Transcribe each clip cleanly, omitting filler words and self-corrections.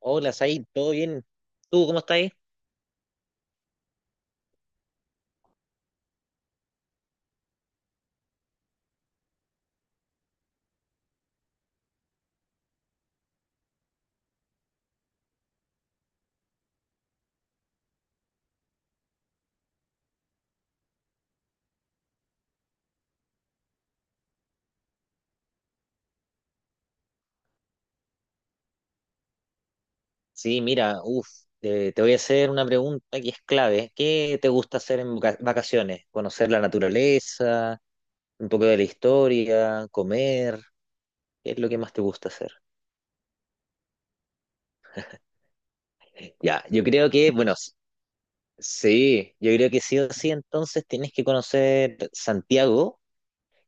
Hola, Said, ¿todo bien? ¿Tú cómo estás ahí? Sí, mira, te voy a hacer una pregunta que es clave. ¿Qué te gusta hacer en vacaciones? ¿Conocer la naturaleza, un poco de la historia, comer? ¿Qué es lo que más te gusta hacer? Ya, yo creo que, sí, yo creo que sí o sí, entonces tienes que conocer Santiago.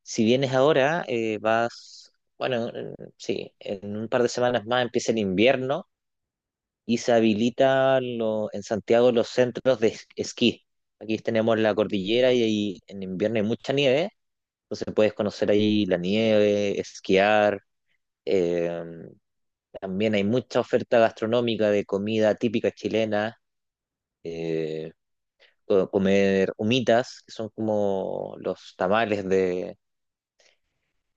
Si vienes ahora, vas, bueno, sí, en un par de semanas más empieza el invierno. Y se habilita en Santiago los centros de esquí. Aquí tenemos la cordillera y ahí en invierno hay mucha nieve, entonces puedes conocer ahí la nieve, esquiar. eh, También hay mucha oferta gastronómica de comida típica chilena, eh, comer humitas, que son como los tamales de,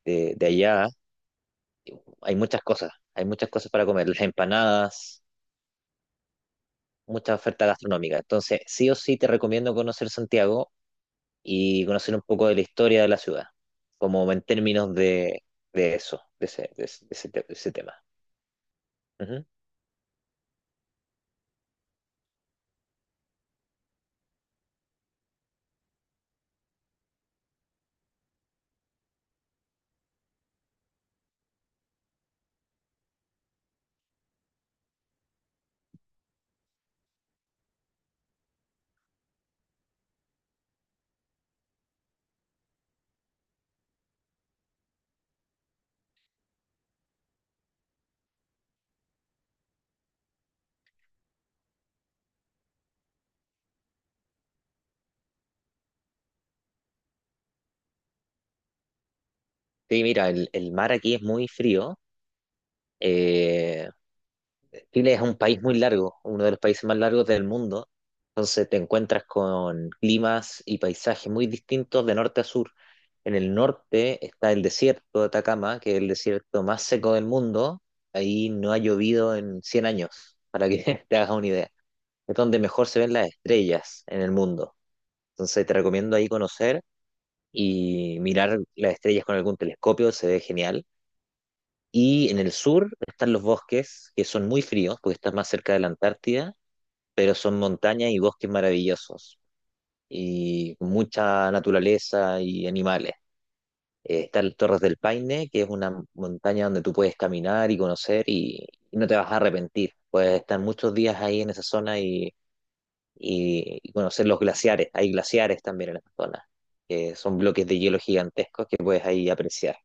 de, de allá. Hay muchas cosas para comer, las empanadas, mucha oferta gastronómica. Entonces, sí o sí te recomiendo conocer Santiago y conocer un poco de la historia de la ciudad, como en términos de eso, de ese, de ese- de ese te- de ese tema. Ujú. Sí, mira, el mar aquí es muy frío. eh, Chile es un país muy largo, uno de los países más largos del mundo. Entonces te encuentras con climas y paisajes muy distintos de norte a sur. En el norte está el desierto de Atacama, que es el desierto más seco del mundo. Ahí no ha llovido en 100 años, para que te hagas una idea. Es donde mejor se ven las estrellas en el mundo. Entonces te recomiendo ahí conocer y mirar las estrellas con algún telescopio, se ve genial. Y en el sur están los bosques, que son muy fríos, porque estás más cerca de la Antártida, pero son montañas y bosques maravillosos, y mucha naturaleza y animales. Está el Torres del Paine, que es una montaña donde tú puedes caminar y conocer y no te vas a arrepentir. Puedes estar muchos días ahí en esa zona y conocer los glaciares. Hay glaciares también en esta zona, que son bloques de hielo gigantescos que puedes ahí apreciar.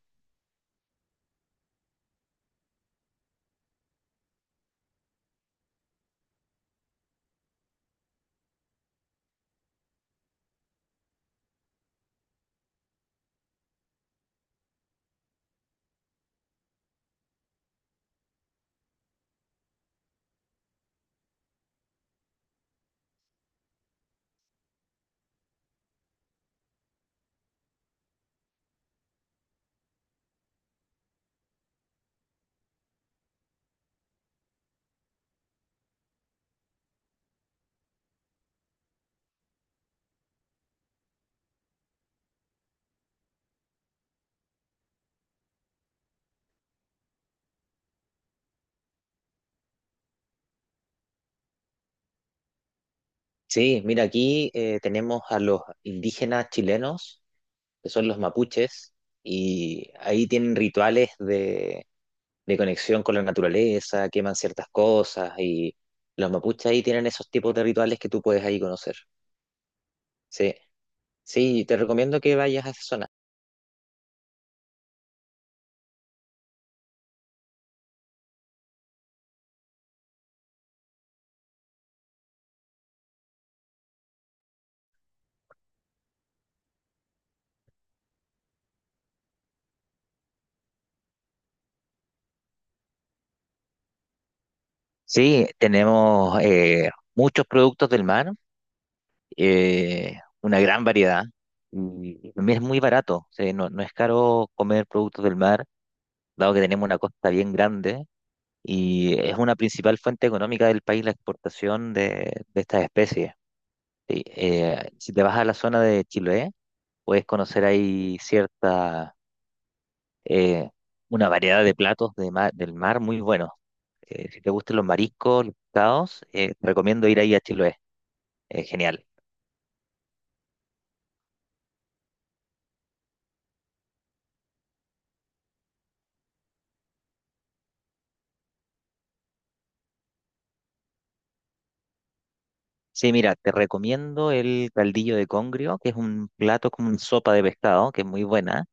Sí, mira, aquí tenemos a los indígenas chilenos, que son los mapuches, y ahí tienen rituales de conexión con la naturaleza, queman ciertas cosas, y los mapuches ahí tienen esos tipos de rituales que tú puedes ahí conocer. Sí, sí, te recomiendo que vayas a esa zona. Sí, tenemos muchos productos del mar, una gran variedad y también es muy barato, o sea, no es caro comer productos del mar, dado que tenemos una costa bien grande y es una principal fuente económica del país la exportación de estas especies. Sí, si te vas a la zona de Chiloé, puedes conocer ahí eh, una variedad de platos de del mar muy buenos. Si te gustan los mariscos, los pescados, te recomiendo ir ahí a Chiloé, es genial. Sí, mira, te recomiendo el caldillo de congrio, que es un plato como una sopa de pescado, que es muy buena.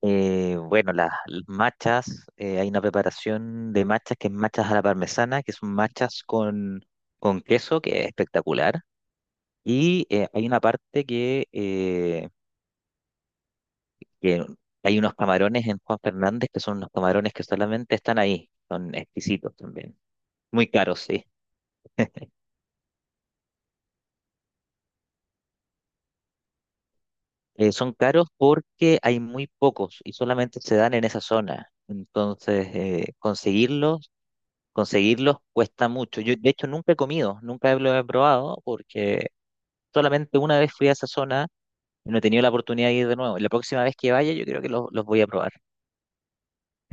Bueno, las machas, hay una preparación de machas que es machas a la parmesana, que son machas con queso, que es espectacular. Y hay una parte que hay unos camarones en Juan Fernández, que son unos camarones que solamente están ahí, son exquisitos también. Muy caros, sí. Son caros porque hay muy pocos y solamente se dan en esa zona. Entonces, conseguirlos cuesta mucho. Yo, de hecho, nunca he comido, nunca lo he probado porque solamente una vez fui a esa zona y no he tenido la oportunidad de ir de nuevo. La próxima vez que vaya, yo creo que los voy a probar.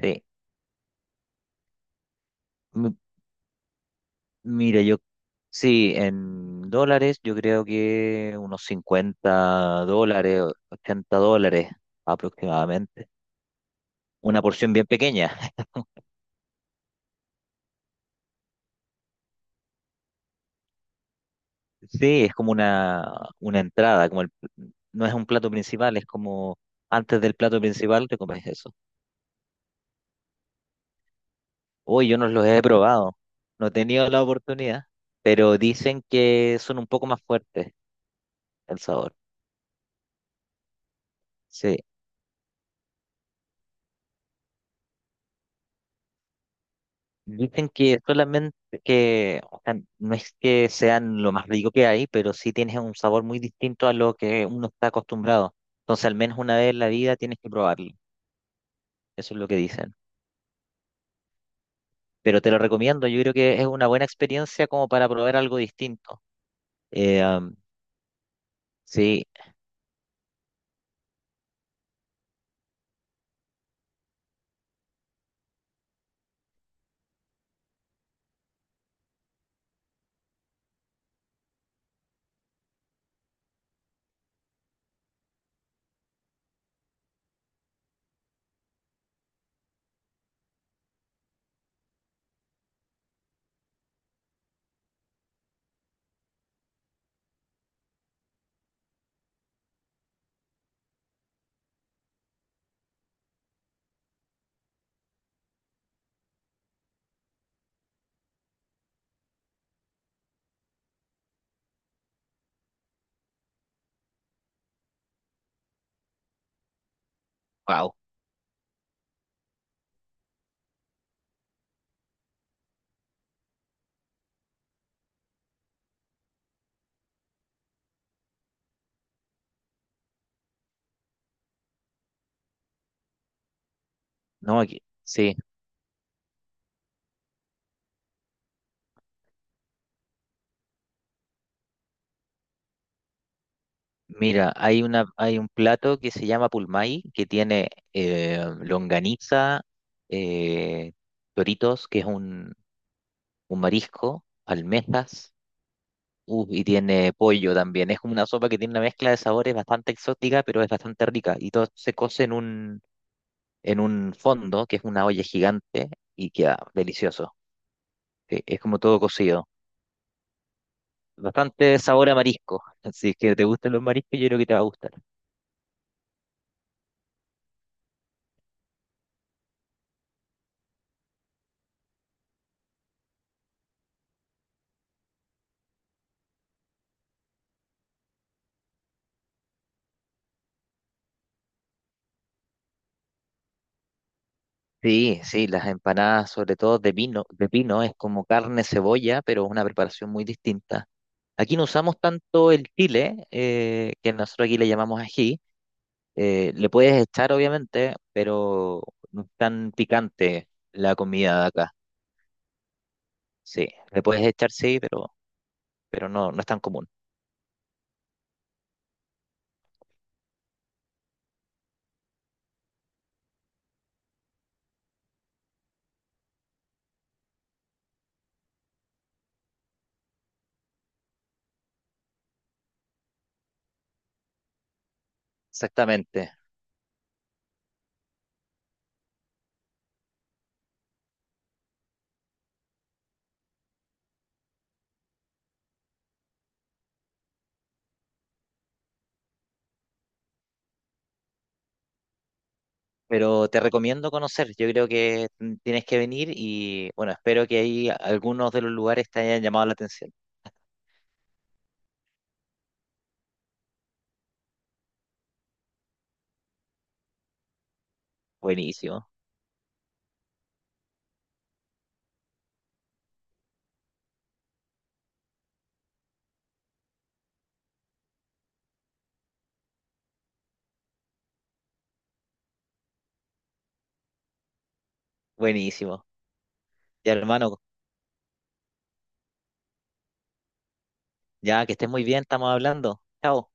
Sí. M- mira, yo, sí, en dólares, yo creo que unos 50 dólares, 80 dólares aproximadamente. Una porción bien pequeña. Sí, es como una entrada, como no es un plato principal, es como antes del plato principal te comes eso. Uy, yo no los he probado, no he tenido la oportunidad, pero dicen que son un poco más fuertes el sabor. Sí, dicen que solamente que, o sea, no es que sean lo más rico que hay, pero sí tienes un sabor muy distinto a lo que uno está acostumbrado. Entonces, al menos una vez en la vida tienes que probarlo. Eso es lo que dicen. Pero te lo recomiendo, yo creo que es una buena experiencia como para probar algo distinto. Eh, am, sí, wow, no, sí. Mira, hay un plato que se llama pulmay, que tiene longaniza, eh, toritos, que es un marisco, almejas, y tiene pollo también. Es como una sopa que tiene una mezcla de sabores bastante exótica, pero es bastante rica. Y todo se cose en en un fondo, que es una olla gigante, y queda delicioso. Sí, es como todo cocido. Bastante sabor a marisco. Si es que te gustan los mariscos, yo creo que te va a gustar. Sí, sí, las empanadas, sobre todo de pino, es como carne cebolla, pero es una preparación muy distinta. Aquí no usamos tanto el chile, que nosotros aquí le llamamos ají. Le puedes echar, obviamente, pero no es tan picante la comida de acá. Sí, le puedes echar, sí, pero no es tan común. Exactamente. Pero te recomiendo conocer, yo creo que tienes que venir y bueno, espero que ahí algunos de los lugares te hayan llamado la atención. Buenísimo, buenísimo. Ya hermano, ya que estés muy bien, estamos hablando. Chao.